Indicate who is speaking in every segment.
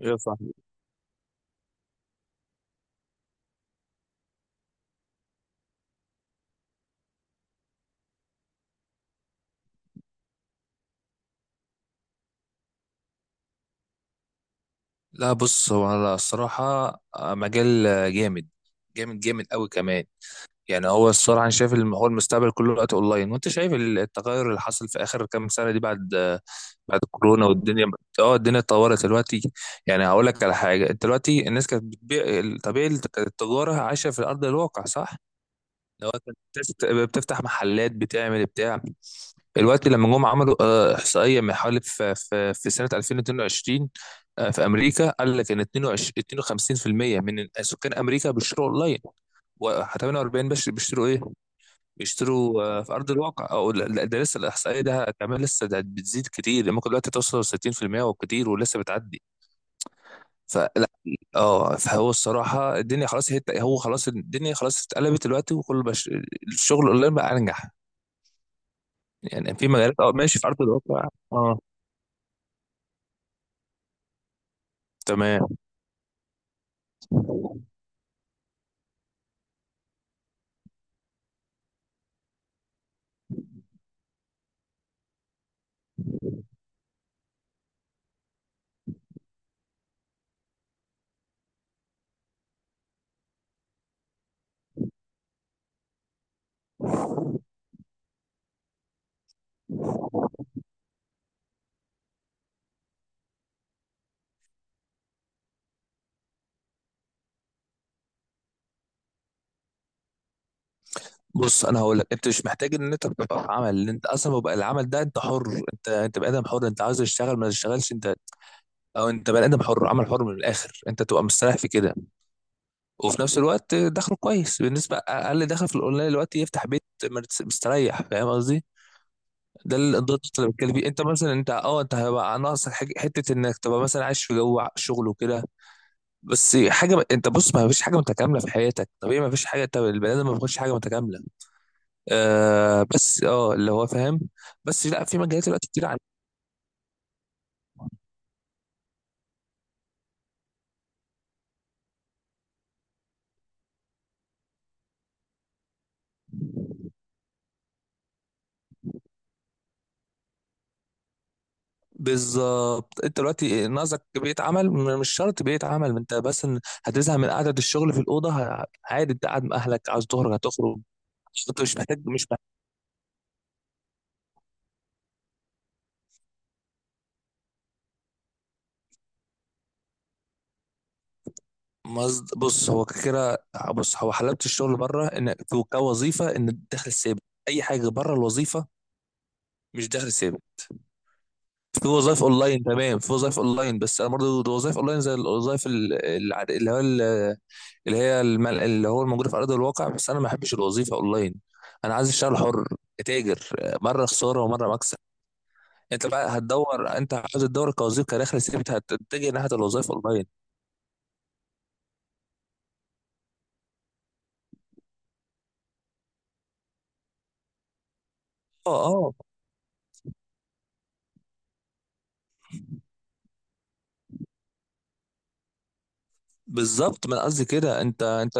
Speaker 1: ايه يا صاحبي. لا بص، هو أنا الصراحة مجال جامد جامد جامد قوي كمان. يعني هو الصراحة أنا شايف هو المستقبل كله دلوقتي أونلاين، وأنت شايف التغير اللي حصل في آخر كام سنة دي بعد بعد الكورونا والدنيا. اه الدنيا اتطورت دلوقتي. يعني هقول لك على حاجة، أنت دلوقتي الناس كانت بتبيع طبيعي، التجارة عايشة في الأرض الواقع صح؟ لو أنت بتفتح محلات بتعمل بتاع، الوقت لما جم عملوا احصائيه من حوالي في في في سنه 2022 في امريكا، قال لك ان 22 52% من سكان امريكا بيشتروا اونلاين، و48 بس بيشتروا ايه؟ بيشتروا في ارض الواقع، او لا، ده لسه الاحصائيه ده كمان لسه ده بتزيد كتير. يعني ممكن دلوقتي توصل 60% وكتير ولسه بتعدي. فلا، اه فهو الصراحه الدنيا خلاص، هو خلاص الدنيا خلاص اتقلبت دلوقتي وكل بش... الشغل اونلاين بقى انجح. يعني في مجالات اه ماشي في ارض الواقع اه. تمام. بص انا هقول لك، انت مش محتاج ان انت تبقى في عمل، اللي انت اصلا بيبقى العمل ده انت حر. انت بني ادم حر، انت عاوز تشتغل ما تشتغلش انت. او انت بني ادم حر، عمل حر من الاخر، انت تبقى مستريح في كده، وفي نفس الوقت دخله كويس. بالنسبه اقل دخل في الاونلاين دلوقتي يفتح بيت مستريح، فاهم قصدي؟ ده ده النقطة اللي بتكلم فيه. انت مثلا انت اه انت هيبقى ناقصك حاجة- حته انك تبقى مثلا عايش في جو شغل وكده، بس حاجه، انت بص ما فيش حاجه متكامله في حياتك طبيعي، ما فيش حاجه، انت البني ادم ما بياخدش حاجه متكامله. آه بس اه اللي هو فاهم. بس لا، في مجالات دلوقتي كتير عن... بالظبط، انت دلوقتي ناقصك بيئة عمل، مش شرط بيئة عمل، ما انت بس إن هتزهق من قعدة الشغل في الأوضة، عادي انت قاعد مع أهلك عاوز تخرج هتخرج. انت مش محتاج مش محتاج. بص هو كده. بص هو حلاوة الشغل بره ان في كوظيفة ان الدخل ثابت. اي حاجة بره الوظيفة مش دخل ثابت. في وظائف اونلاين تمام، في وظائف اونلاين، بس انا برضه وظائف اونلاين زي الوظائف اللي هو اللي هي اللي هو الموجوده في ارض الواقع، بس انا ما بحبش الوظيفه اونلاين. انا عايز اشتغل حر، اتاجر، مره خساره ومره مكسب. انت بقى هتدور، انت عايز تدور كوظيفه كدخل ثابت هتتجه ناحيه الوظائف اونلاين. اه اه. بالظبط، ما انا قصدي كده. انت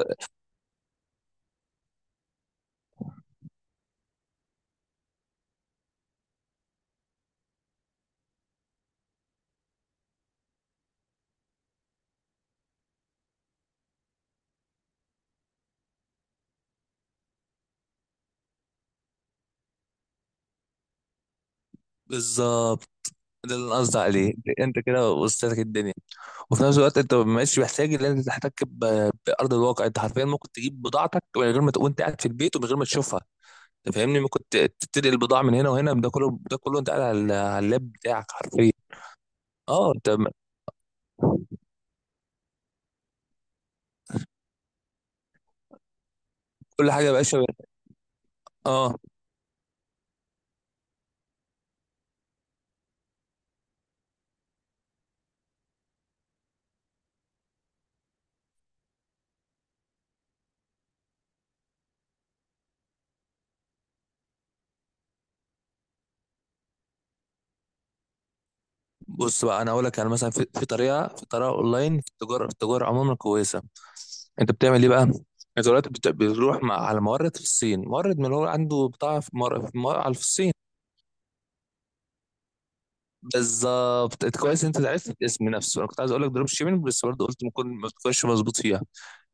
Speaker 1: بالظبط، ده اللي انا قصدي عليه. انت كده وسط لك الدنيا، وفي نفس الوقت انت مش محتاج ان انت تحتك بارض الواقع. انت حرفيا ممكن تجيب بضاعتك من غير ما تكون انت قاعد في البيت ومن غير ما تشوفها، انت فاهمني؟ ممكن تنقل البضاعه من هنا وهنا، ده كله انت قاعد على على اللاب بتاعك حرفيا. اه انت كل حاجه يا باشا. اه بص بقى، انا اقول لك انا مثلا في, في طريقه، في طريقه اونلاين، في التجاره عموما كويسه. انت بتعمل ايه بقى؟ انت دلوقتي بتروح مع على مورد في الصين، مورد من اللي هو عنده بضاعه في الصين. بالظبط، انت كويس انت عرفت الاسم نفسه، انا كنت عايز اقول لك دروب شيبنج بس برضه قلت ممكن ما تكونش مظبوط فيها.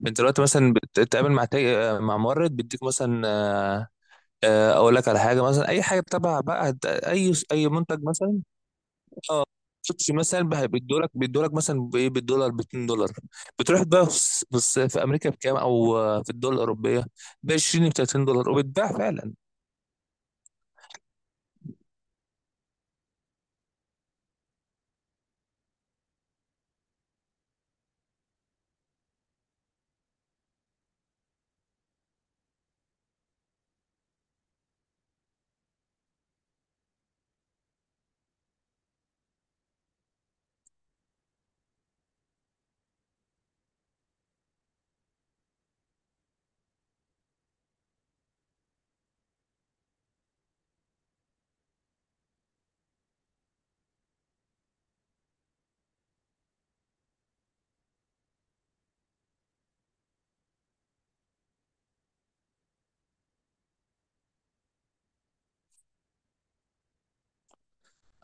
Speaker 1: انت دلوقتي مثلا بتتعامل مع مع مورد بيديك مثلا اقول لك على حاجه مثلا، اي حاجه تبع بقى اي منتج مثلا. شيبسي مثلا بقى بيدولك مثلا بايه، بالدولار، ب 2 دولار. بتروح بقى في امريكا بكام، او في الدول الاوروبيه ب 20 ب 30 دولار وبتباع فعلا.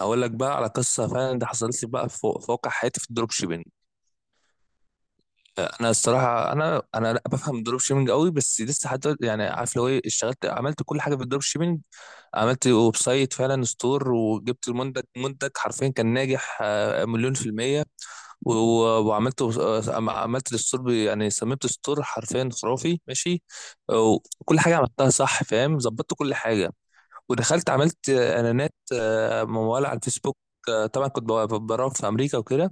Speaker 1: اقول لك بقى على قصه فعلا ده حصلت لي بقى في واقع حياتي في الدروب شيبنج. انا الصراحه انا لا بفهم الدروب شيبنج قوي، بس لسه حتى يعني عارف لو ايه اشتغلت، عملت كل حاجه في الدروب شيبنج. عملت ويب سايت فعلا، ستور، وجبت المنتج، منتج حرفيا كان ناجح مليون في المية، وعملت عملت الستور يعني صممت ستور حرفيا خرافي ماشي. وكل حاجه عملتها صح فاهم، ظبطت كل حاجه، ودخلت عملت اعلانات موال على الفيسبوك. طبعا كنت براوغ في امريكا وكده.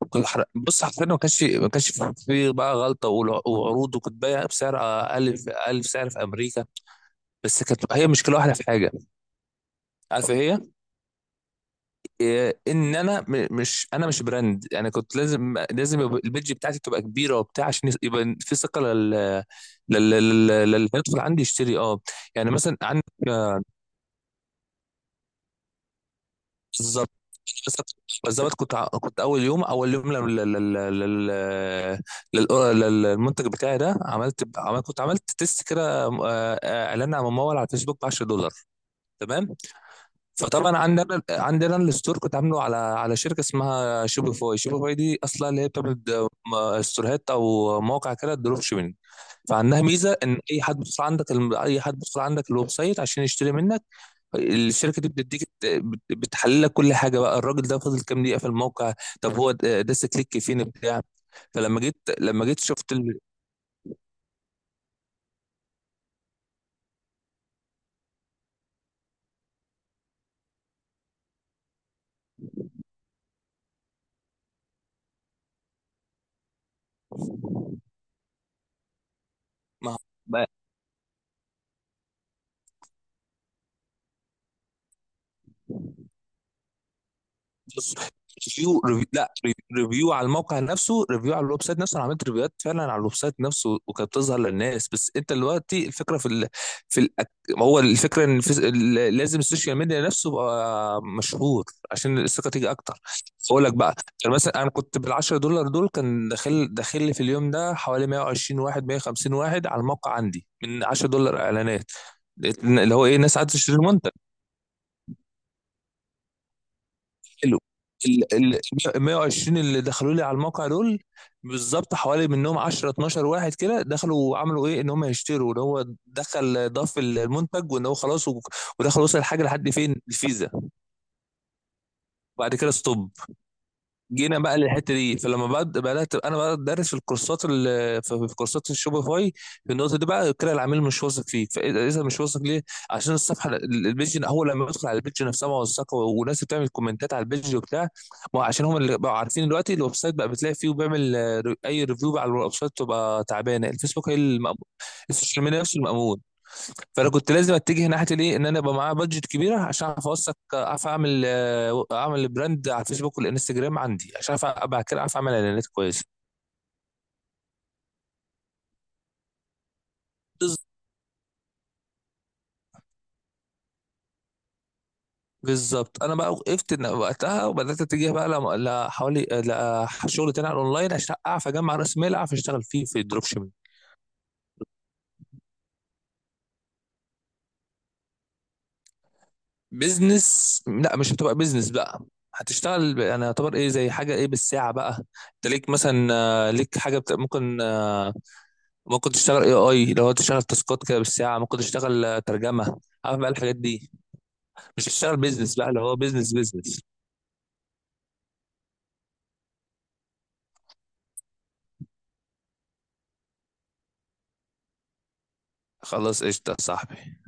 Speaker 1: وكنت بص حرفيا ما كانش في بقى غلطه، وعروض، وكنت بايع بسعر اقل اقل في سعر في امريكا. بس كانت هي مشكله واحده في حاجه، عارف إيه؟ ان انا مش، انا مش براند. انا كنت لازم يبقى البيدج بتاعتي تبقى كبيره وبتاع عشان يبقى في ثقه للي هيدخل عندي يشتري. اه يعني مثلا عندك آه، بالظبط، مثلاً بالظبط كنت كنت اول يوم اول يوم للمنتج بتاعي ده، عملت كنت عملت تيست كده اعلان على ممول على الفيسبوك ب 10 دولار. تمام. فطبعا عندنا الستور كنت عامله على على شركه اسمها شوبيفاي، شوبيفاي دي اصلا اللي هي بتعمل ستورات او مواقع كده دروب شيبنج. فعندها ميزه ان اي حد بيدخل عندك اي حد بيدخل عندك الويب سايت عشان يشتري منك. الشركه دي بتديك بتحلل لك كل حاجه بقى، الراجل ده فضل كام دقيقه في الموقع، طب هو داس كليك فين بتاع. فلما جيت شفت ال... ما بص، ريفيو ريفيو لا ري- ريفيو على الموقع نفسه، ريفيو على الويب سايت نفسه. انا عملت ريفيوهات فعلا على الويب سايت نفسه وكانت بتظهر للناس، بس انت دلوقتي الفكره في ال... في ال... ما هو الفكره ان في... لازم السوشيال ميديا نفسه يبقى مشهور عشان الثقه تيجي اكتر. اقول لك بقى، يعني مثلا انا كنت بال 10 دولار دول كان داخل داخل لي في اليوم ده حوالي 120 واحد 150 واحد على الموقع عندي من 10 دولار اعلانات، اللي هو ايه، الناس عايزه تشتري المنتج. ال ال ال 120 اللي دخلوا لي على الموقع دول، بالظبط حوالي منهم 10 12 واحد كده دخلوا وعملوا ايه، ان هم يشتروا، ان هو دخل ضاف المنتج وان هو خلاص ودخل وصل الحاجه لحد فين، الفيزا، وبعد كده ستوب. جينا بقى للحته دي، فلما بدات انا بقى ادرس في الكورسات في كورسات الشوبيفاي. في النقطه دي بقى كده العميل مش واثق فيك، فاذا إذا مش واثق ليه؟ عشان الصفحه البيج، اول لما يدخل على البيج نفسها موثقه وناس بتعمل كومنتات على البيج وبتاع. ما هو عشان هم اللي بقوا عارفين دلوقتي الويب سايت بقى بتلاقي فيه، وبيعمل اي ريفيو على الويب سايت تبقى تعبانه، الفيسبوك هي المأمور. السوشيال ميديا نفسه المأمور. فانا كنت لازم اتجه ناحيه الايه، ان انا يبقى معايا بادجت كبيره عشان اعرف اوثق، اعرف اعمل اعمل براند على الفيسبوك والانستجرام عندي، عشان اعرف بعد كده اعرف اعمل اعلانات كويسه. بز- بالظبط. انا بقى وقفت وقتها وبدات اتجه بقى لحوالي لشغل تاني على الاونلاين، عشان اعرف اجمع راس مال اعرف اشتغل فيه في الدروب شيبنج. بزنس لا، مش هتبقى بزنس بقى، هتشتغل انا يعتبر ايه زي حاجه ايه بالساعه بقى. انت ليك مثلا ليك حاجه ممكن ممكن تشتغل اي اي لو تشتغل تاسكات كده بالساعه، ممكن تشتغل ترجمه عارف بقى الحاجات دي. مش تشتغل بيزنس بقى اللي هو بيزنس بيزنس. خلاص قشطه يا صاحبي.